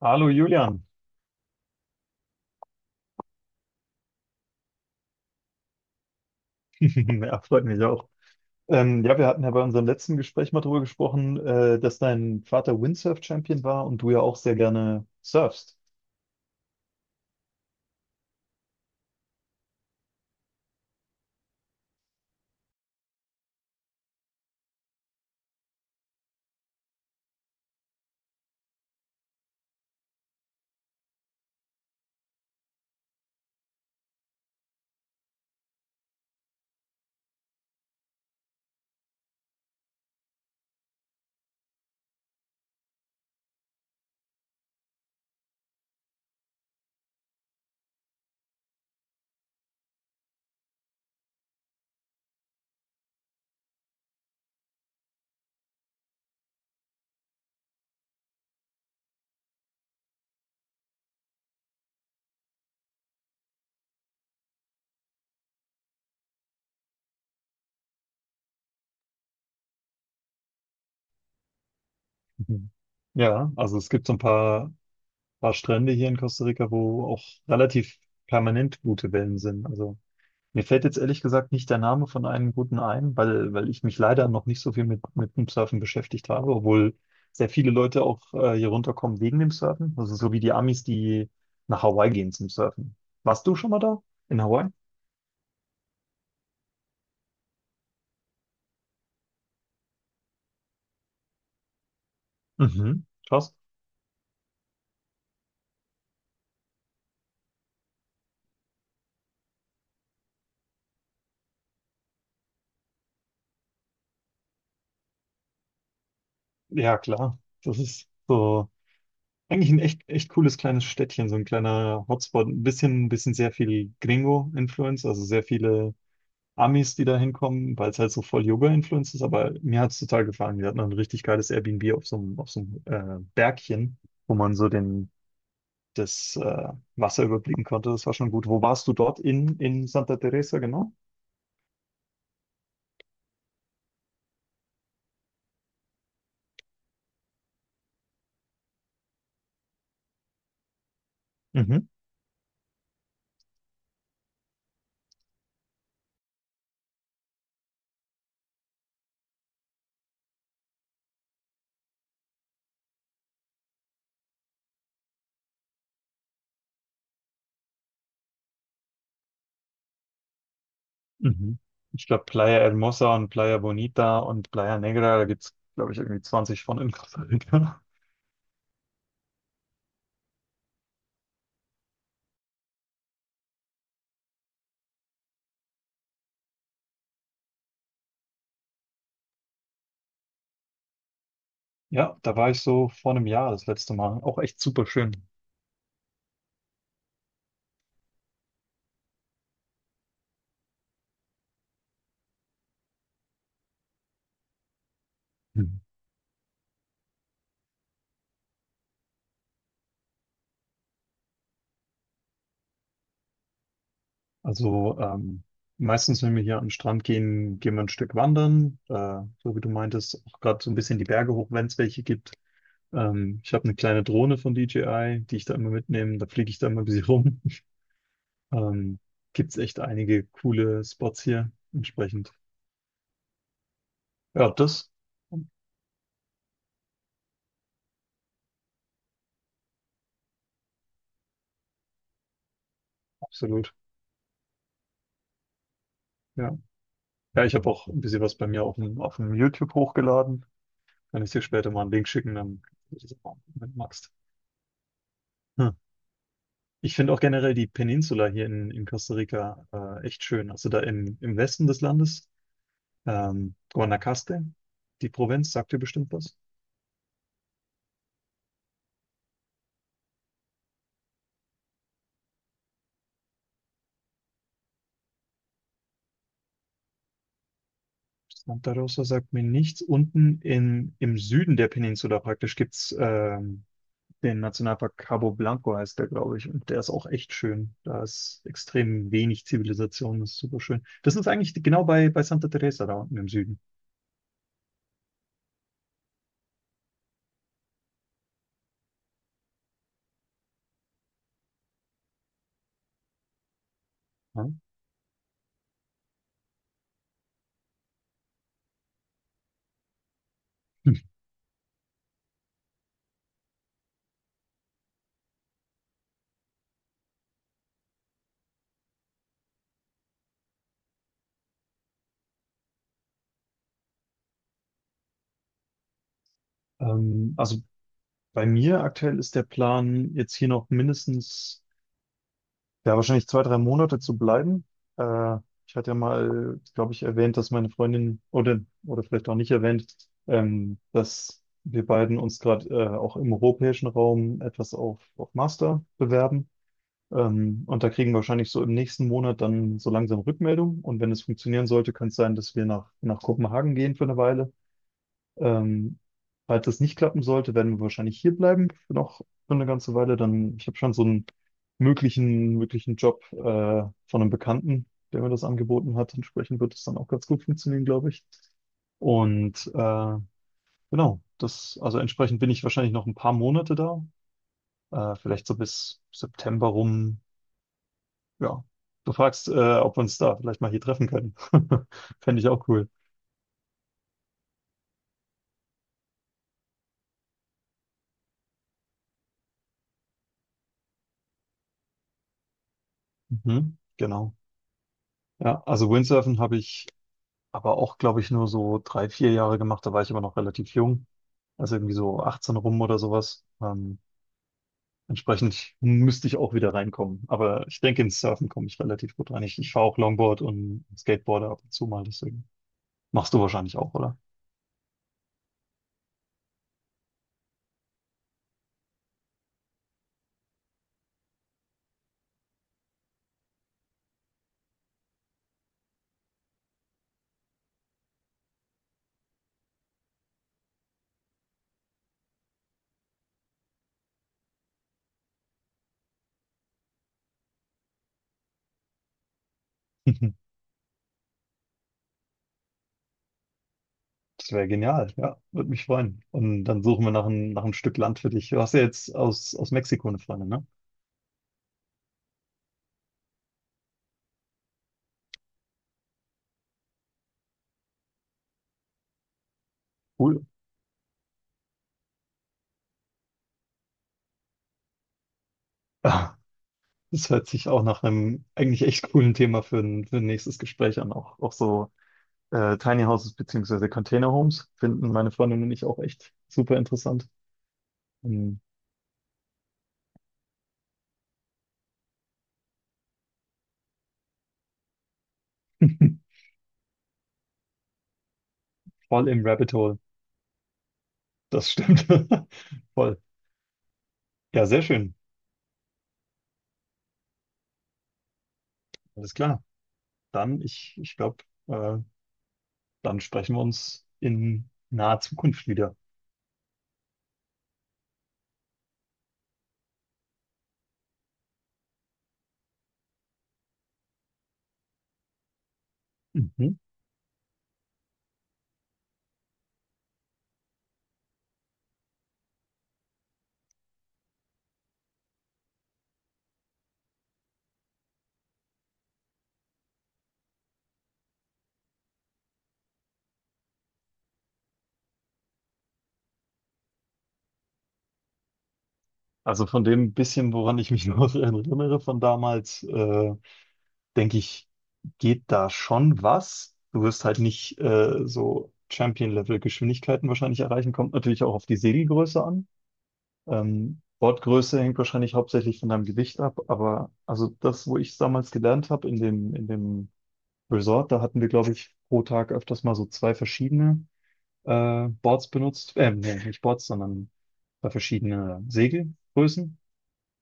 Hallo Julian, ja, freut mich auch. Ja, wir hatten ja bei unserem letzten Gespräch mal darüber gesprochen, dass dein Vater Windsurf-Champion war und du ja auch sehr gerne surfst. Mhm. Ja, also es gibt so ein paar Strände hier in Costa Rica, wo auch relativ permanent gute Wellen sind. Also mir fällt jetzt ehrlich gesagt nicht der Name von einem guten ein, weil ich mich leider noch nicht so viel mit dem Surfen beschäftigt habe, obwohl sehr viele Leute auch hier runterkommen wegen dem Surfen. Also so wie die Amis, die nach Hawaii gehen zum Surfen. Warst du schon mal da? In Hawaii? Mhm. Krass. Ja, klar. Das ist so eigentlich ein echt, echt cooles kleines Städtchen, so ein kleiner Hotspot. Ein bisschen sehr viel Gringo-Influence, also sehr viele Amis, die da hinkommen, weil es halt so voll Yoga-Influenced ist, aber mir hat es total gefallen. Wir hatten ein richtig geiles Airbnb auf so einem Bergchen, wo man so den, das Wasser überblicken konnte. Das war schon gut. Wo warst du dort in Santa Teresa, genau? Mhm. Mhm. Ich glaube, Playa Hermosa und Playa Bonita und Playa Negra, da gibt's glaube ich, irgendwie 20 von in Costa Rica. Ja, da war ich so vor einem Jahr das letzte Mal. Auch echt super schön. Also meistens, wenn wir hier an den Strand gehen, gehen wir ein Stück wandern. So wie du meintest, auch gerade so ein bisschen die Berge hoch, wenn es welche gibt. Ich habe eine kleine Drohne von DJI, die ich da immer mitnehme. Da fliege ich da immer ein bisschen rum. Ähm, Gibt es echt einige coole Spots hier entsprechend. Ja, das absolut. Ja, ja ich habe auch ein bisschen was bei mir auf dem YouTube hochgeladen. Kann ich dir später mal einen Link schicken, dann kannst du das auch, wenn du magst. Ich finde auch generell die Peninsula hier in Costa Rica echt schön. Also da im, im Westen des Landes, Guanacaste, die Provinz, sagt dir bestimmt was. Santa Rosa sagt mir nichts. Unten in, im Süden der Peninsula praktisch gibt's den Nationalpark Cabo Blanco, heißt der, glaube ich. Und der ist auch echt schön. Da ist extrem wenig Zivilisation, das ist super schön. Das ist eigentlich genau bei, bei Santa Teresa da unten im Süden. Ja? Also bei mir aktuell ist der Plan, jetzt hier noch mindestens, ja, wahrscheinlich zwei, drei Monate zu bleiben. Äh, Ich hatte ja mal, glaube ich, erwähnt, dass meine Freundin oder vielleicht auch nicht erwähnt, dass wir beiden uns gerade auch im europäischen Raum etwas auf Master bewerben. Und da kriegen wir wahrscheinlich so im nächsten Monat dann so langsam Rückmeldung. Und wenn es funktionieren sollte, kann es sein, dass wir nach Kopenhagen gehen für eine Weile. ähm, Falls das nicht klappen sollte, werden wir wahrscheinlich hier bleiben für noch für eine ganze Weile. Dann, ich habe schon so einen möglichen, möglichen Job von einem Bekannten, der mir das angeboten hat. Entsprechend wird es dann auch ganz gut funktionieren, glaube ich. Und genau, das, also entsprechend bin ich wahrscheinlich noch ein paar Monate da, vielleicht so bis September rum. Ja, du fragst, ob wir uns da vielleicht mal hier treffen können. Fände ich auch cool. Mhm, genau. Ja, also Windsurfen habe ich aber auch, glaube ich, nur so drei, vier Jahre gemacht. Da war ich aber noch relativ jung. Also irgendwie so 18 rum oder sowas. Entsprechend müsste ich auch wieder reinkommen. Aber ich denke, ins Surfen komme ich relativ gut rein. Ich fahre auch Longboard und Skateboarder ab und zu mal, deswegen. Machst du wahrscheinlich auch, oder? Das wäre genial, ja. Würde mich freuen. Und dann suchen wir nach ein, nach einem Stück Land für dich. Du hast ja jetzt aus, aus Mexiko eine Freundin, ne? Cool. Ah, das hört sich auch nach einem eigentlich echt coolen Thema für ein nächstes Gespräch an. Auch, auch so, Tiny Houses beziehungsweise Container Homes finden meine Freundin und ich auch echt super interessant. Ähm, voll im Rabbit Hole. Das stimmt. Voll. Ja, sehr schön. Alles klar. Dann, ich glaube, äh, dann sprechen wir uns in naher Zukunft wieder. Mhm. Also von dem bisschen, woran ich mich noch erinnere von damals, denke ich, geht da schon was. Du wirst halt nicht so Champion-Level-Geschwindigkeiten wahrscheinlich erreichen. Kommt natürlich auch auf die Segelgröße an. Wortgröße hängt wahrscheinlich hauptsächlich von deinem Gewicht ab, aber also das, wo ich es damals gelernt habe in dem Resort, da hatten wir, glaube ich, pro Tag öfters mal so zwei verschiedene Boards benutzt. Nee, nicht Boards, sondern zwei verschiedene Segelgrößen.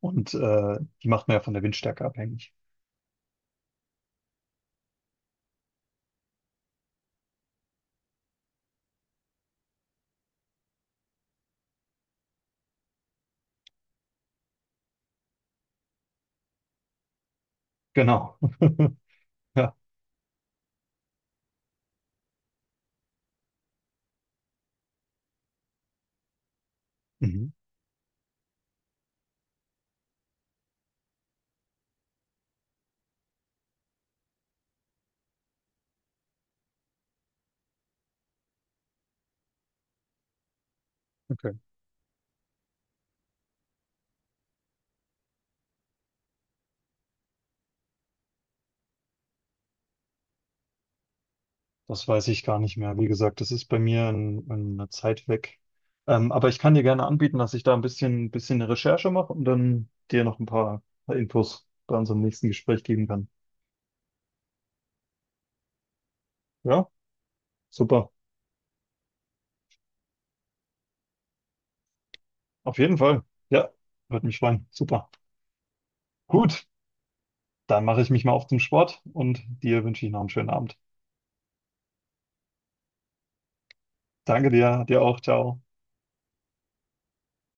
Und die macht man ja von der Windstärke abhängig. Genau. Ja. Mhm. Okay. Das weiß ich gar nicht mehr. Wie gesagt, das ist bei mir in einer Zeit weg. Aber ich kann dir gerne anbieten, dass ich da ein bisschen eine Recherche mache und dann dir noch ein paar Infos bei unserem nächsten Gespräch geben kann. Ja, super. Auf jeden Fall. Ja, würde mich freuen. Super. Gut, dann mache ich mich mal auf zum Sport und dir wünsche ich noch einen schönen Abend. Danke dir, dir auch. Ciao.